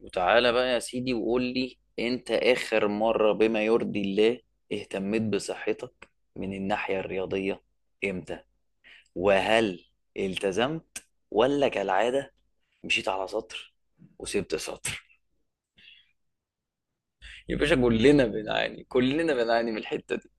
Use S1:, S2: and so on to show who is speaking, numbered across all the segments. S1: وتعالى بقى يا سيدي وقول لي انت اخر مرة بما يرضي الله اهتميت بصحتك من الناحية الرياضية؟ امتى؟ وهل التزمت ولا كالعادة مشيت على سطر وسبت سطر؟ يا باشا كلنا بنعاني، كلنا بنعاني من الحتة دي.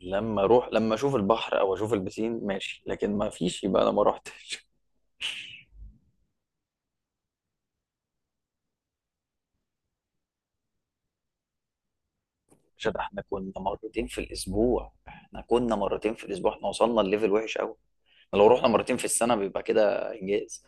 S1: لما اروح، لما اشوف البحر او اشوف البسين ماشي، لكن ما فيش يبقى انا ما رحتش. عشان احنا كنا مرتين في الاسبوع، احنا وصلنا الليفل وحش قوي. لو رحنا مرتين في السنة بيبقى كده انجاز.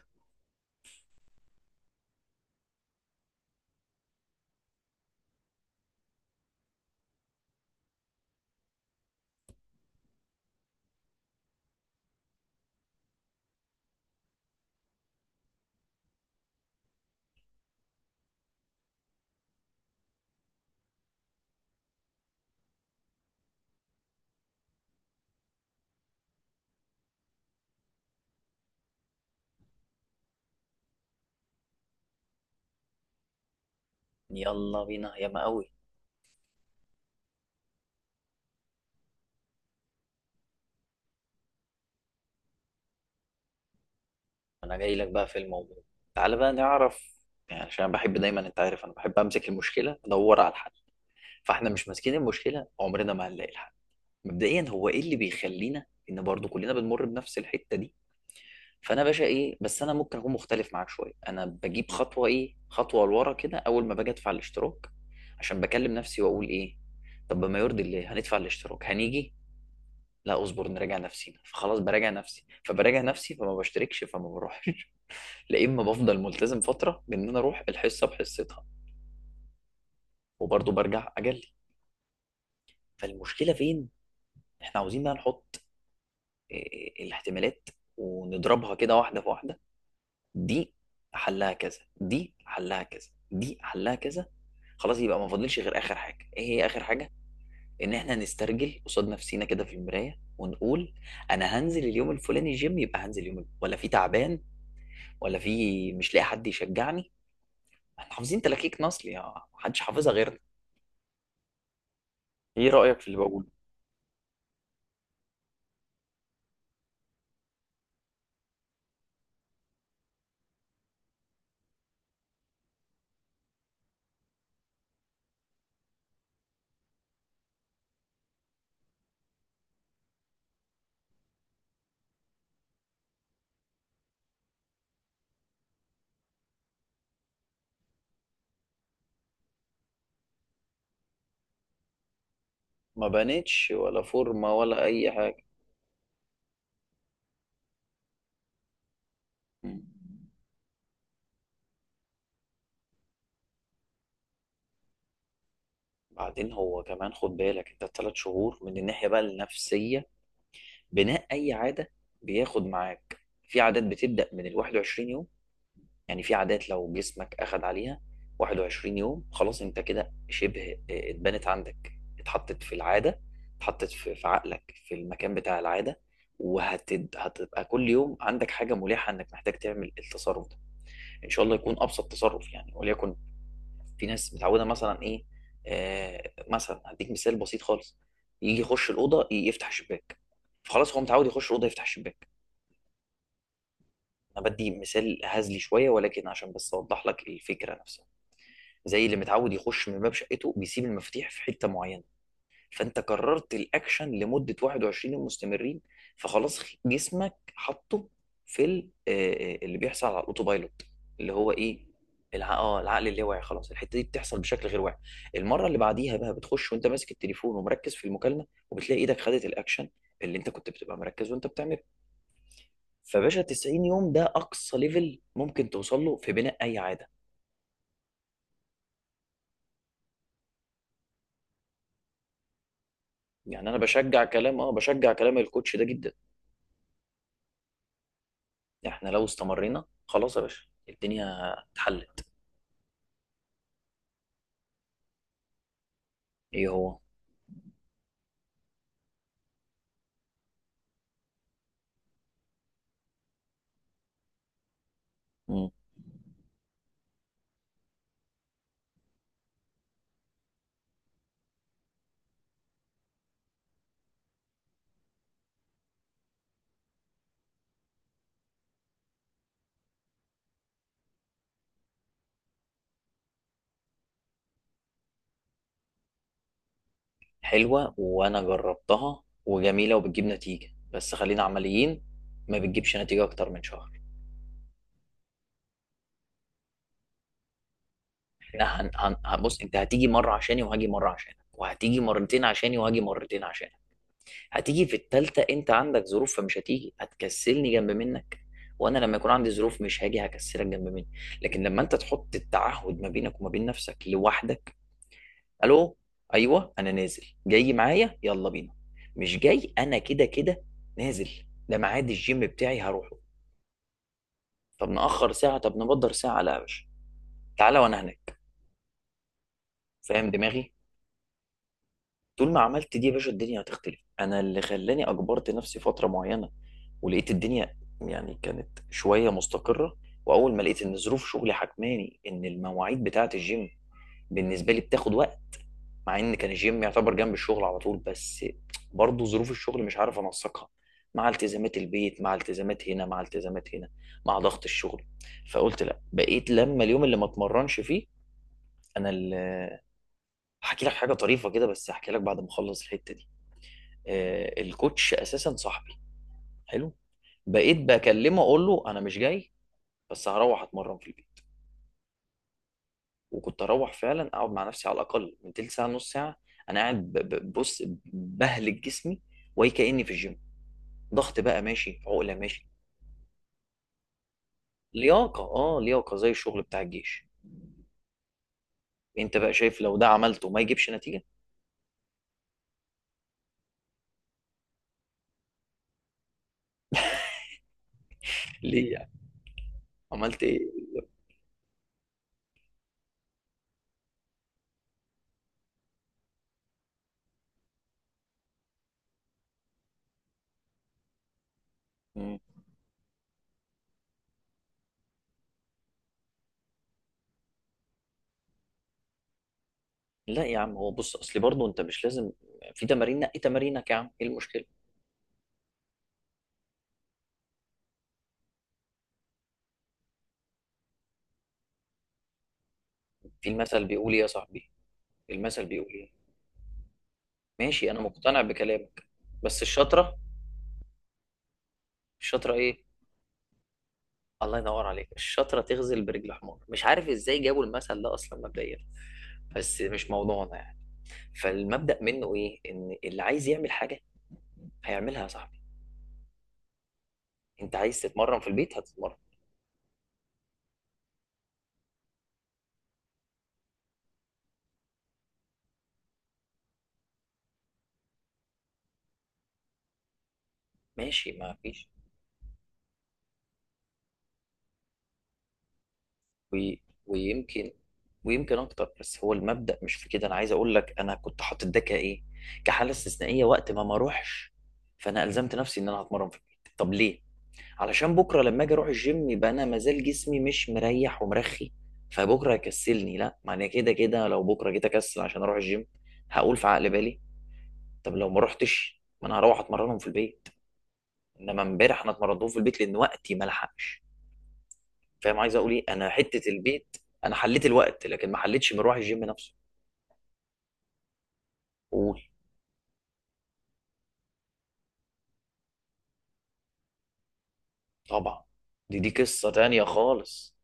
S1: يلا بينا ياما قوي. انا جاي لك بقى في الموضوع، تعالى بقى نعرف. يعني عشان أنا بحب دايما، انت عارف، انا بحب امسك المشكله ادور على الحل. فاحنا مش ماسكين المشكله عمرنا ما هنلاقي الحل. مبدئيا هو ايه اللي بيخلينا ان برضو كلنا بنمر بنفس الحته دي؟ فانا باشا ايه، بس انا ممكن اكون مختلف معاك شويه، انا بجيب خطوه، ايه، خطوه لورا كده. اول ما باجي ادفع الاشتراك، عشان بكلم نفسي واقول ايه، طب ما يرضي الله هندفع الاشتراك هنيجي، لا اصبر نراجع نفسينا. فخلاص براجع نفسي، فبراجع نفسي فما بشتركش فما بروحش. لا اما بفضل ملتزم فتره، بان انا اروح الحصه بحصتها، وبرضه برجع اجلي. فالمشكله فين؟ احنا عاوزين بقى نحط الاحتمالات ونضربها كده واحده في واحده. دي حلها كذا، دي حلها كذا، دي حلها كذا، خلاص. يبقى ما فاضلش غير اخر حاجه. ايه هي اخر حاجه؟ ان احنا نسترجل قصاد نفسينا كده في المرايه ونقول انا هنزل اليوم الفلاني جيم، يبقى هنزل يوم ولا في تعبان، ولا في مش لاقي حد يشجعني. احنا حافظين تلاكيك نصل يا محدش حافظها غيرنا. ايه رأيك في اللي بقوله؟ ما بانتش ولا فورمة ولا اي حاجة. مم. بعدين هو كمان خد بالك انت، الثلاث شهور من الناحية بقى النفسية، بناء اي عادة بياخد معاك. في عادات بتبدأ من ال 21 يوم. يعني في عادات لو جسمك اخد عليها 21 يوم، خلاص انت كده شبه اتبنت عندك، اتحطت في العادة، اتحطت في عقلك في المكان بتاع العادة. وهتبقى كل يوم عندك حاجة ملحة انك محتاج تعمل التصرف ده. ان شاء الله يكون ابسط تصرف، يعني وليكن في ناس متعوده مثلا ايه. مثلا هديك مثال بسيط خالص، يجي يخش الاوضه يفتح الشباك. فخلاص هو متعود يخش الاوضه يفتح الشباك. انا بدي مثال هزلي شويه ولكن عشان بس اوضح لك الفكره نفسها. زي اللي متعود يخش من باب شقته بيسيب المفاتيح في حته معينه، فانت كررت الاكشن لمده 21 يوم مستمرين، فخلاص جسمك حطه في اللي بيحصل على الاوتو بايلوت، اللي هو ايه؟ العقل اللاواعي. خلاص الحته دي بتحصل بشكل غير واعي. المره اللي بعديها بقى بتخش وانت ماسك التليفون ومركز في المكالمه، وبتلاقي ايدك خدت الاكشن اللي انت كنت بتبقى مركز وانت بتعمله. فباشا 90 يوم ده اقصى ليفل ممكن توصل له في بناء اي عاده. يعني انا بشجع كلام، اه، بشجع كلام الكوتش ده جدا. احنا لو استمرينا خلاص يا باشا الدنيا اتحلت. ايه هو؟ مم. حلوة، وانا جربتها وجميلة وبتجيب نتيجة، بس خلينا عمليين. ما بتجيبش نتيجة اكتر من شهر. لا، بص، انت هتيجي مرة عشاني وهاجي مرة عشانك، وهتيجي مرتين عشاني وهاجي مرتين عشانك. هتيجي في التالتة انت عندك ظروف فمش هتيجي، هتكسلني جنب منك. وانا لما يكون عندي ظروف مش هاجي هكسلك جنب مني. لكن لما انت تحط التعهد ما بينك وما بين نفسك لوحدك، الو، ايوه انا نازل، جاي معايا يلا بينا، مش جاي انا كده كده نازل، ده ميعاد الجيم بتاعي هروحه. طب نأخر ساعة، طب نبدر ساعة، لا يا باشا، تعالى وانا هناك. فاهم دماغي؟ طول ما عملت دي يا باشا الدنيا هتختلف. انا اللي خلاني اجبرت نفسي فترة معينة، ولقيت الدنيا يعني كانت شوية مستقرة. واول ما لقيت ان ظروف شغلي حكماني ان المواعيد بتاعة الجيم بالنسبة لي بتاخد وقت، مع ان كان الجيم يعتبر جنب الشغل على طول، بس برضه ظروف الشغل مش عارف انسقها مع التزامات البيت، مع التزامات هنا، مع التزامات هنا، مع ضغط الشغل. فقلت لا، بقيت لما اليوم اللي ما اتمرنش فيه، انا اللي، هحكي لك حاجه طريفه كده بس، هحكي لك بعد ما اخلص الحته دي. آه، الكوتش اساسا صاحبي، حلو، بقيت بكلمه اقول له انا مش جاي بس هروح اتمرن في البيت. وكنت اروح فعلا اقعد مع نفسي على الاقل من تلت ساعه نص ساعه، انا قاعد بص، بهلك جسمي وهي كاني في الجيم. ضغط بقى ماشي، عقله ماشي، لياقه، اه لياقه زي الشغل بتاع الجيش. انت بقى شايف لو ده عملته ما يجيبش نتيجه؟ ليه يعني؟ عملت ايه؟ مم. لا يا عم، هو بص اصل برضه انت مش لازم، في تمارين، نقي تمارينك يا عم، ايه المشكله؟ في المثل بيقول ايه يا صاحبي؟ المثل بيقول ايه؟ ماشي انا مقتنع بكلامك بس الشطره. الشطره ايه؟ الله ينور عليك، الشطره تغزل برجل حمار، مش عارف ازاي جابوا المثل ده اصلا مبدئيا، بس مش موضوعنا يعني. فالمبدأ منه ايه؟ ان اللي عايز يعمل حاجة هيعملها صح. انت عايز تتمرن في البيت هتتمرن. ماشي ما فيش. وي... ويمكن، ويمكن اكتر، بس هو المبدأ مش في كده. انا عايز اقول لك انا كنت حاطط ده كايه، كحالة استثنائية وقت ما ما اروحش. فانا الزمت نفسي ان انا هتمرن في البيت، طب ليه؟ علشان بكرة لما اجي اروح الجيم يبقى انا مازال جسمي مش مريح ومرخي، فبكرة هيكسلني. لا، ما انا كده كده لو بكرة جيت اكسل عشان اروح الجيم، هقول في عقل بالي طب لو ما رحتش، ما انا هروح اتمرنهم في البيت. انما امبارح انا اتمرنتهم في البيت لان وقتي ما لحقش. فاهم عايز اقول ايه؟ انا حته البيت، انا حليت الوقت لكن ما حليتش مروح الجيم نفسه. قول. طبعا، دي دي قصه تانية خالص.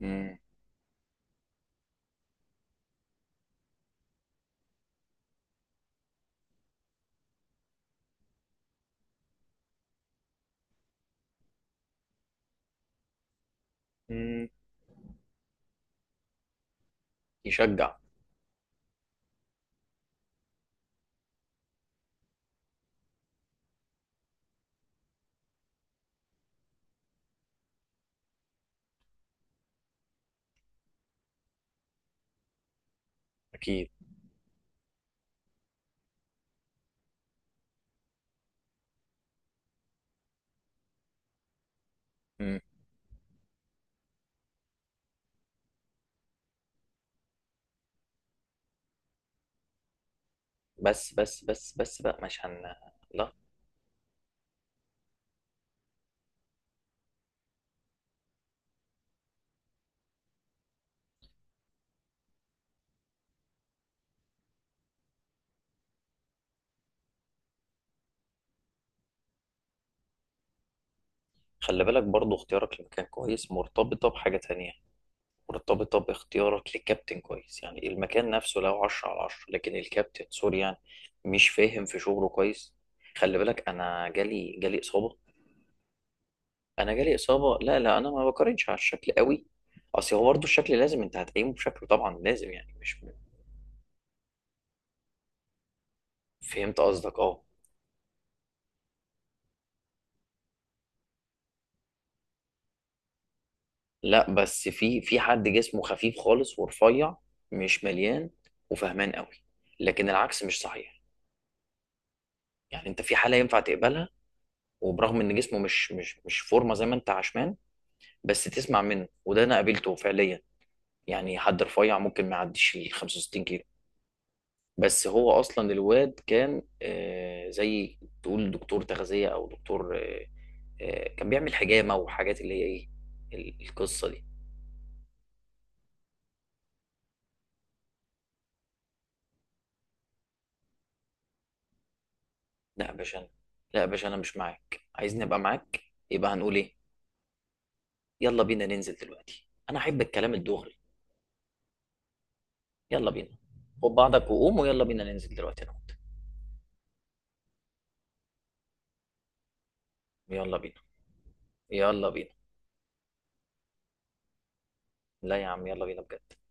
S1: مم. مم. يشجع. اكيد. مم. بس بقى، مش هن، لا. خلي بالك برضو اختيارك لمكان كويس مرتبطة بحاجة تانية، مرتبطة باختيارك لكابتن كويس. يعني المكان نفسه لو عشرة على عشرة لكن الكابتن سوري، يعني مش فاهم في شغله كويس. خلي بالك، أنا جالي إصابة. انا جالي اصابه، لا انا ما بقارنش على الشكل قوي. اصل هو برضه الشكل لازم انت هتقيمه بشكله طبعا، لازم يعني مش، فهمت قصدك اه. لا بس في حد جسمه خفيف خالص ورفيع، مش مليان، وفهمان قوي. لكن العكس مش صحيح، يعني انت في حاله ينفع تقبلها. وبرغم ان جسمه مش فورمه زي ما انت عشمان، بس تسمع منه. وده انا قابلته فعليا، يعني حد رفيع ممكن ما يعديش ال 65 كيلو، بس هو اصلا الواد كان، زي تقول دكتور تغذيه، او دكتور كان بيعمل حجامه وحاجات اللي هي ايه، القصه دي. لا يا باشا أنا- لا يا باشا انا مش معاك. عايزني ابقى معاك، يبقى هنقول ايه؟ يلا بينا ننزل دلوقتي، انا احب الكلام الدغري، يلا بينا. خد بعضك وقوم ويلا بينا ننزل دلوقتي انا وأنت. يلا بينا. يلا بينا. لا يا عم يلا بينا بجد.